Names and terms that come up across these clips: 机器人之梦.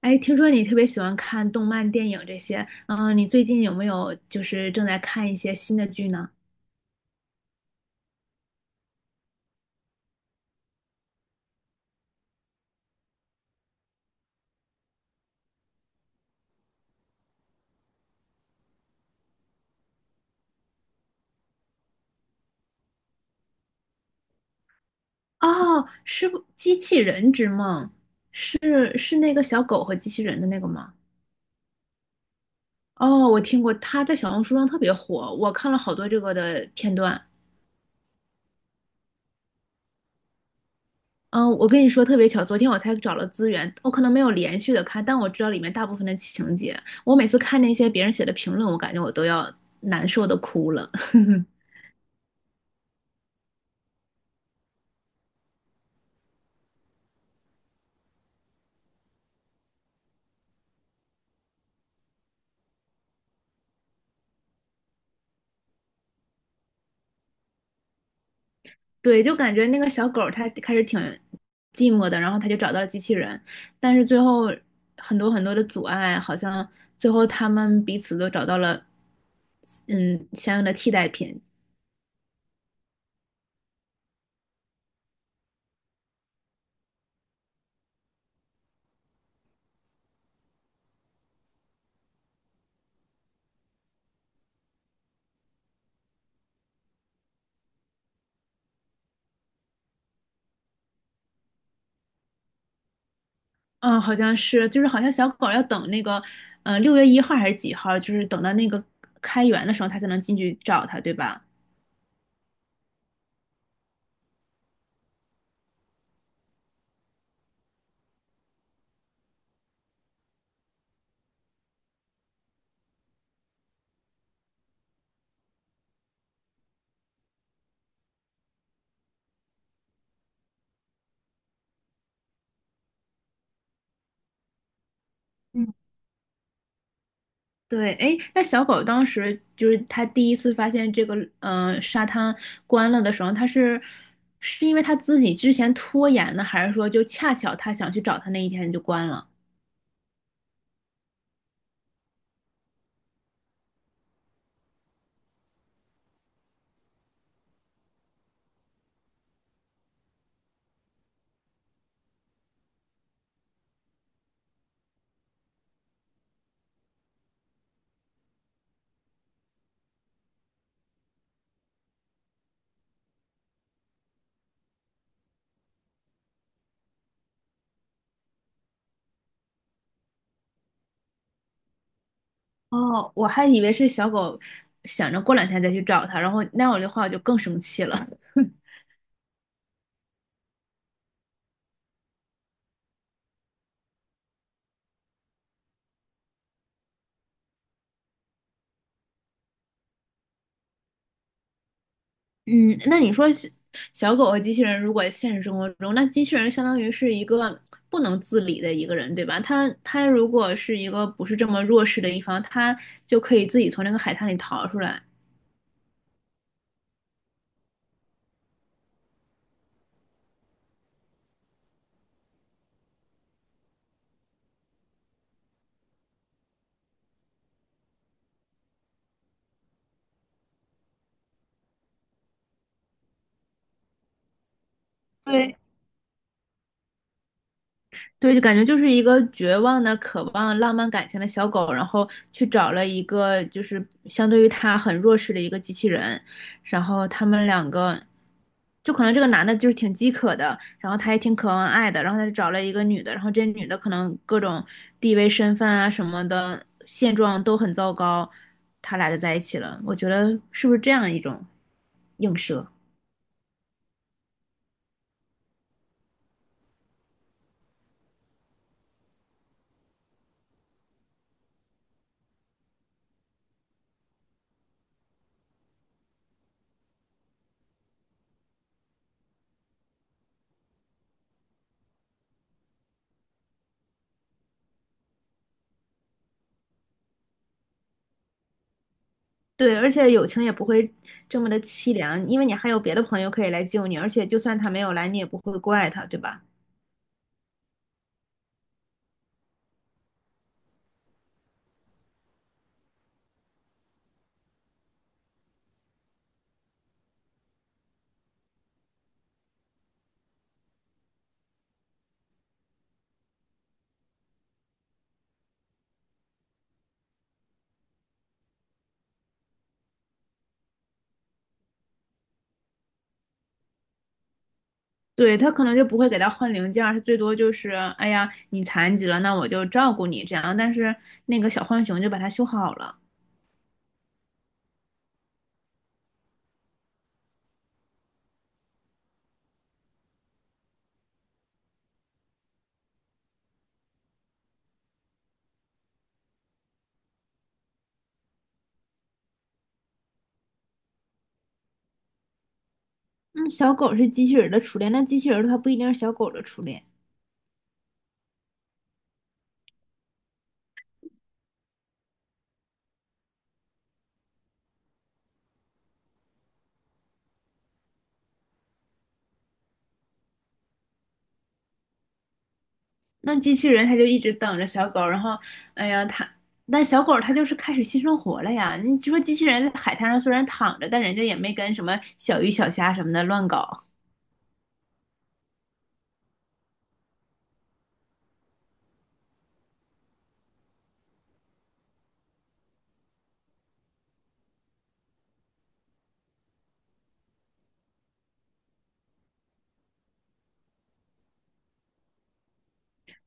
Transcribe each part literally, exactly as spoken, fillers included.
哎，听说你特别喜欢看动漫、电影这些，嗯，你最近有没有就是正在看一些新的剧呢？哦，是不《机器人之梦》是是那个小狗和机器人的那个吗？哦，我听过，它在小红书上特别火，我看了好多这个的片段。嗯，我跟你说特别巧，昨天我才找了资源，我可能没有连续的看，但我知道里面大部分的情节。我每次看那些别人写的评论，我感觉我都要难受的哭了。对，就感觉那个小狗儿它开始挺寂寞的，然后它就找到了机器人，但是最后很多很多的阻碍，好像最后他们彼此都找到了，嗯，相应的替代品。嗯，好像是，就是好像小狗儿要等那个，嗯六月一号还是几号，就是等到那个开园的时候，它才能进去找它，对吧？对，哎，那小狗当时就是它第一次发现这个呃沙滩关了的时候，它是是因为它自己之前拖延呢，还是说就恰巧它想去找它那一天就关了？哦，我还以为是小狗想着过两天再去找它，然后那样的话我就更生气了。嗯，那你说是小狗和机器人，如果现实生活中，那机器人相当于是一个不能自理的一个人，对吧？他他如果是一个不是这么弱势的一方，他就可以自己从那个海滩里逃出来。对，对，就感觉就是一个绝望的、渴望浪漫感情的小狗，然后去找了一个就是相对于他很弱势的一个机器人，然后他们两个，就可能这个男的就是挺饥渴的，然后他也挺渴望爱的，然后他就找了一个女的，然后这女的可能各种地位、身份啊什么的现状都很糟糕，他俩就在一起了。我觉得是不是这样一种映射？对，而且友情也不会这么的凄凉，因为你还有别的朋友可以来救你，而且就算他没有来，你也不会怪他，对吧？对，他可能就不会给他换零件儿，他最多就是，哎呀，你残疾了，那我就照顾你这样。但是那个小浣熊就把它修好了，嗯，小狗是机器人儿的初恋，那机器人儿它不一定是小狗的初恋。那机器人它就一直等着小狗，然后，哎呀，它，但小狗它就是开始新生活了呀。你说机器人在海滩上虽然躺着，但人家也没跟什么小鱼小虾什么的乱搞。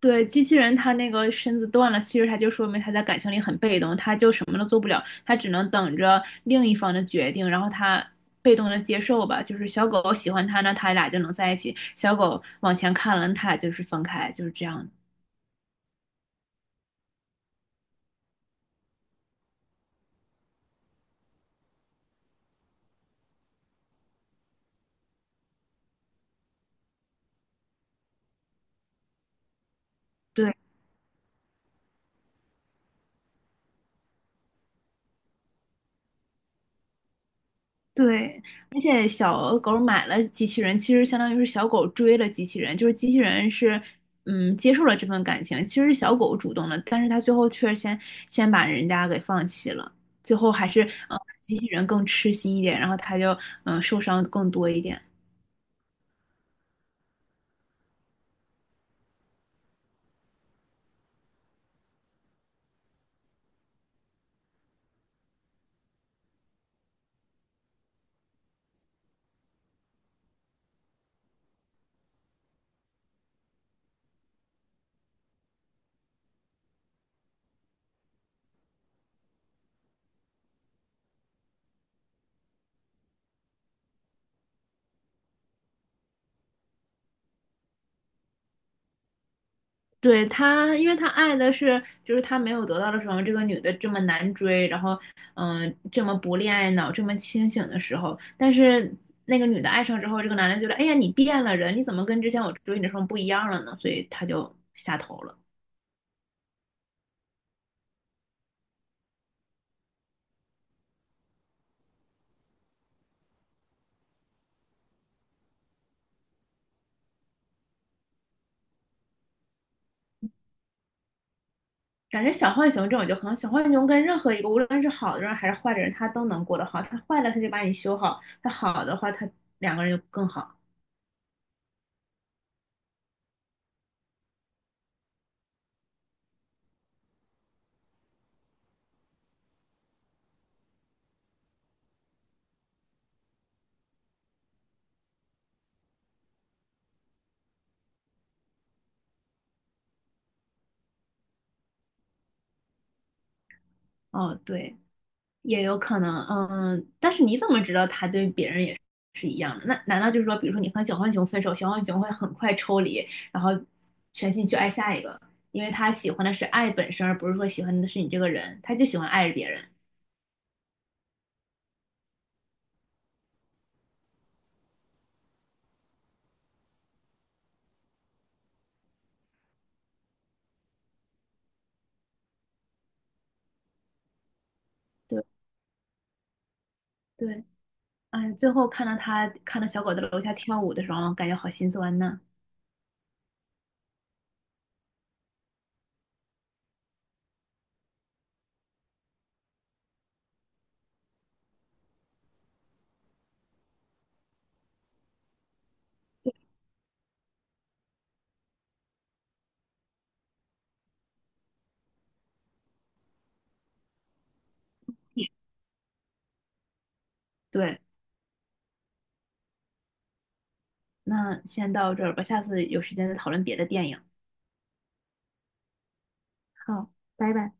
对，机器人他那个身子断了，其实他就说明他在感情里很被动，他就什么都做不了，他只能等着另一方的决定，然后他被动的接受吧。就是小狗喜欢他呢，他俩就能在一起；小狗往前看了，他俩就是分开，就是这样。对，对，而且小狗买了机器人，其实相当于是小狗追了机器人，就是机器人是，嗯，接受了这份感情，其实是小狗主动的，但是它最后却先先把人家给放弃了，最后还是，呃，机器人更痴心一点，然后它就，嗯，受伤更多一点。对他，因为他爱的是，就是他没有得到的时候，这个女的这么难追，然后，嗯、这么不恋爱脑，这么清醒的时候，但是那个女的爱上之后，这个男的觉得，哎呀，你变了人，你怎么跟之前我追你的时候不一样了呢？所以他就下头了。感觉小浣熊这种就很好，小浣熊跟任何一个无论是好的人还是坏的人，他都能过得好。他坏了他就把你修好，他好的话他两个人就更好。哦，对。也有可能，嗯，但是你怎么知道他对别人也是一样的？那难道就是说，比如说你和小浣熊分手，小浣熊会很快抽离，然后全心去爱下一个，因为他喜欢的是爱本身，而不是说喜欢的是你这个人，他就喜欢爱着别人。对对，哎，最后看到他看到小狗在楼下跳舞的时候，感觉好心酸呐。对，那先到这儿吧，下次有时间再讨论别的电影。好，拜拜。